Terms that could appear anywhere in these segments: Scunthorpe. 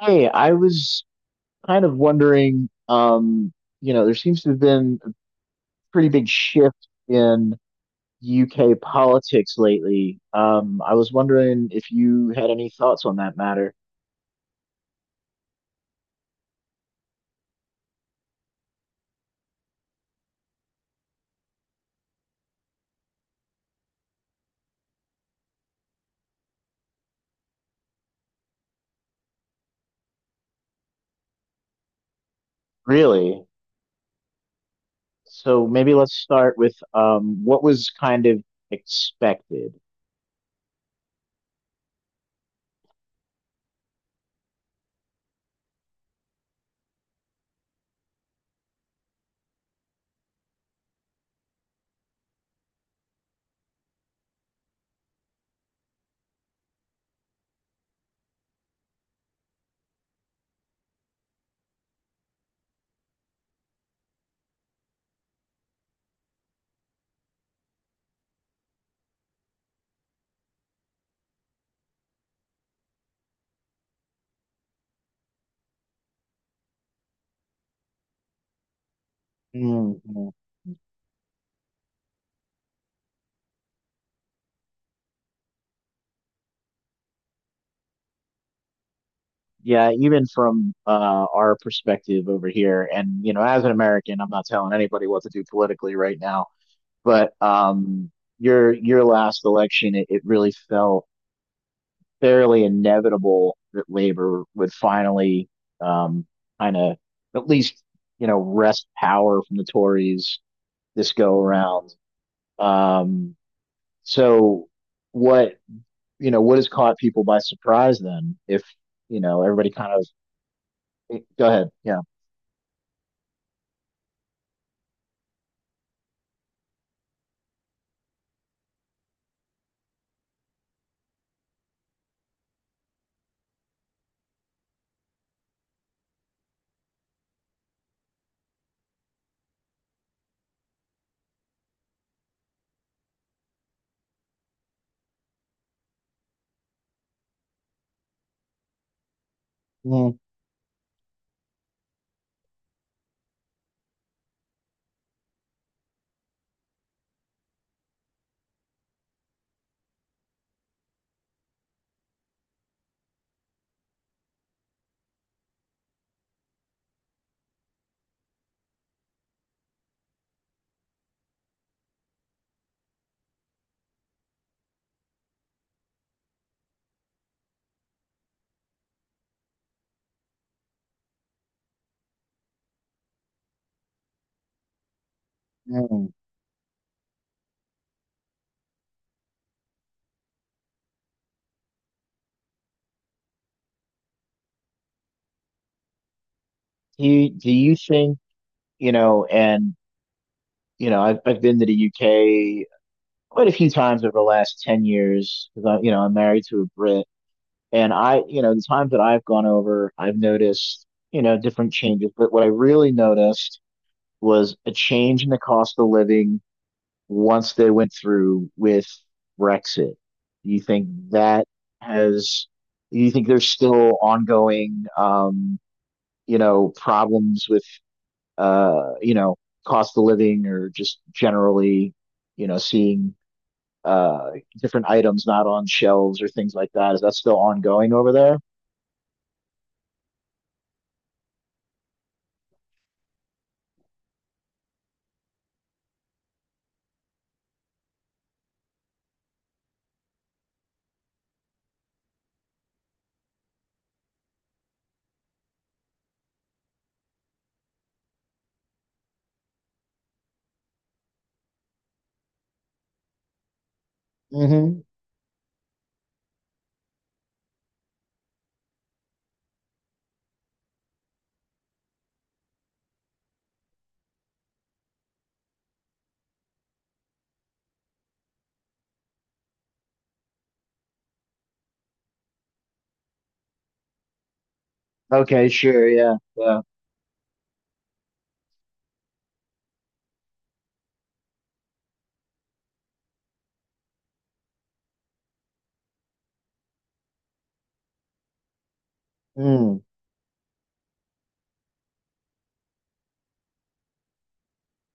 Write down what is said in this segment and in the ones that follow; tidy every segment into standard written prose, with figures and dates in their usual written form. Hey, I was kind of wondering, there seems to have been a pretty big shift in UK politics lately. I was wondering if you had any thoughts on that matter. Really? So maybe let's start with what was kind of expected. Mhm. Yeah, even from our perspective over here, and you know, as an American, I'm not telling anybody what to do politically right now. But your last election, it really felt fairly inevitable that Labor would finally um, kind of at least you know wrest power from the Tories this go around. Um, so what you know what has caught people by surprise then? If you know everybody kind of go ahead, yeah. mm mm. Do you think you know and you know I've been to the UK quite a few times over the last 10 years because I, you know, I'm married to a Brit and I, you know, the times that I've gone over, I've noticed, you know, different changes. But what I really noticed was a change in the cost of living once they went through with Brexit. Do you think that has, do you think there's still ongoing, you know, problems with, you know, cost of living or just generally, you know, seeing uh, different items not on shelves or things like that. Is that still ongoing over there? Mm-hmm. Okay, sure, yeah, yeah. Mm,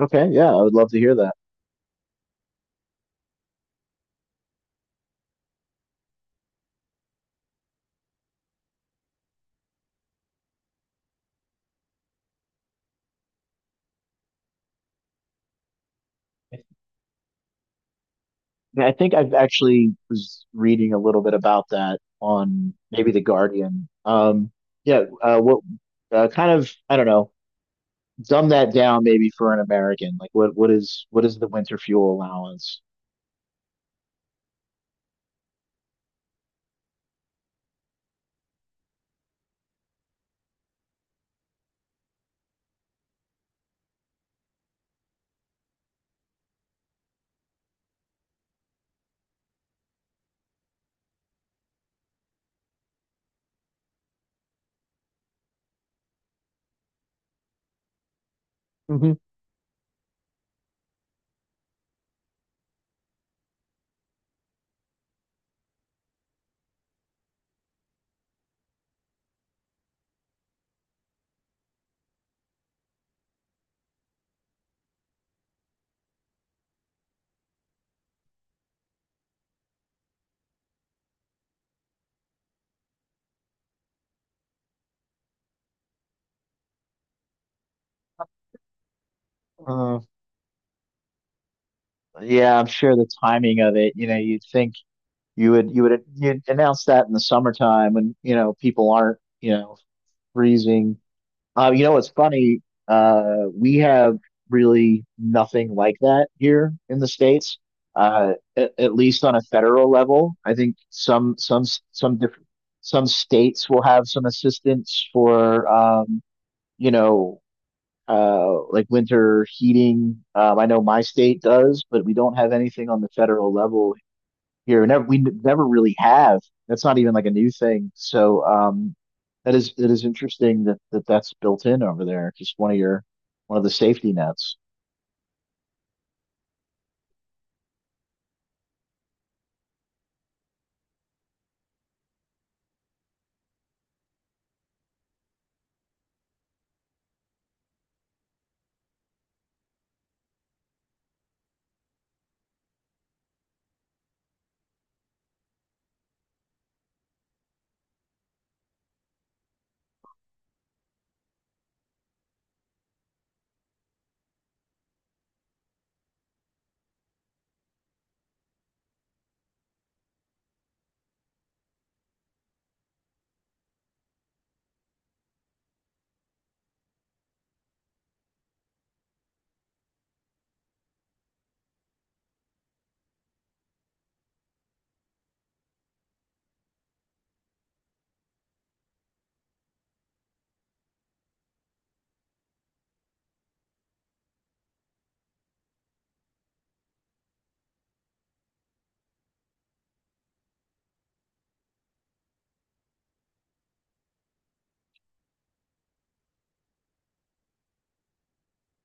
okay, yeah, I would love to hear that. Yeah, I think I've actually was reading a little bit about that on maybe The Guardian. Yeah, what kind of I don't know, dumb that down maybe for an American. Like what is the winter fuel allowance? Mm-hmm. Uh, yeah, I'm sure the timing of it, you know, you'd think you would you'd announce that in the summertime when you know people aren't you know freezing. You know what's funny? We have really nothing like that here in the States. At least on a federal level, I think some different some states will have some assistance for you know like winter heating. I know my state does, but we don't have anything on the federal level here. Never, we never really have. That's not even like a new thing. So that is interesting that, that that's built in over there. Just one of your one of the safety nets.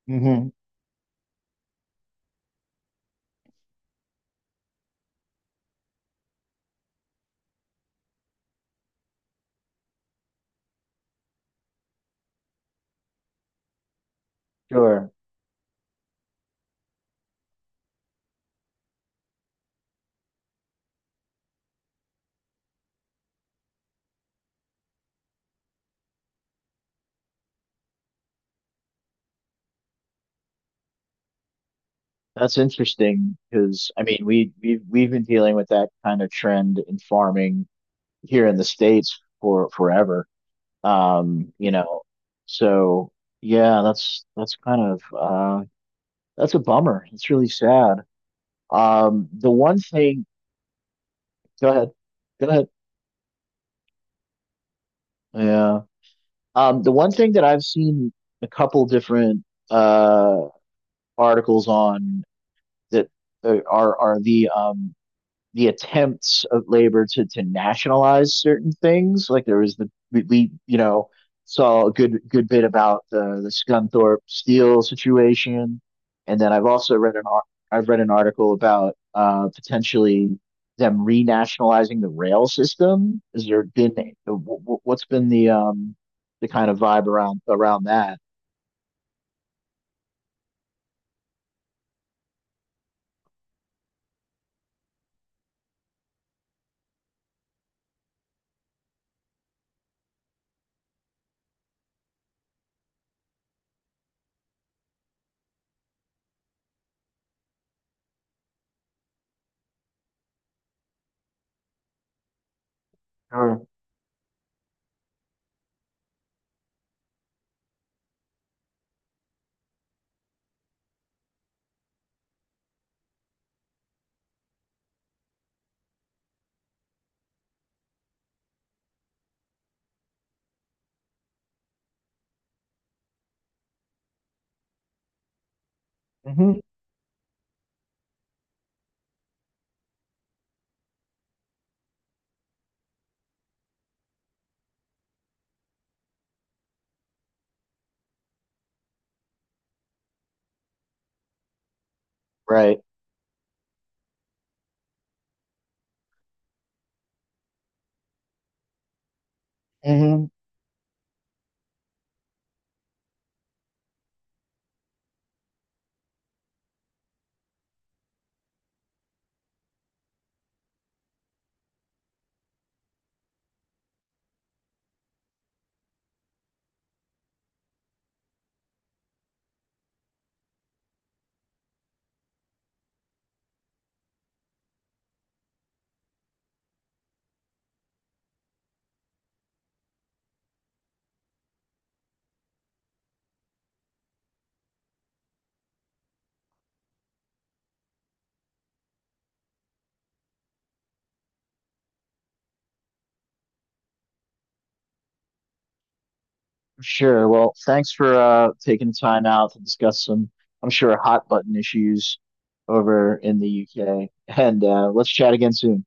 Hmm. Sure. That's interesting because I mean we've been dealing with that kind of trend in farming here in the States for forever. You know, so yeah, that's kind of that's a bummer. It's really sad. The one thing, go ahead. Go ahead. Yeah. The one thing that I've seen a couple different uh articles on that are the attempts of labor to nationalize certain things. Like there was the we you know saw a good bit about the Scunthorpe Steel situation, and then I've read an article about potentially them renationalizing the rail system. Is there been uh, what's been the kind of vibe around around that? Sure. Hmm. Right. Mm-hmm. Sure. Well, thanks for taking the time out to discuss some, I'm sure, hot button issues over in the UK. And let's chat again soon.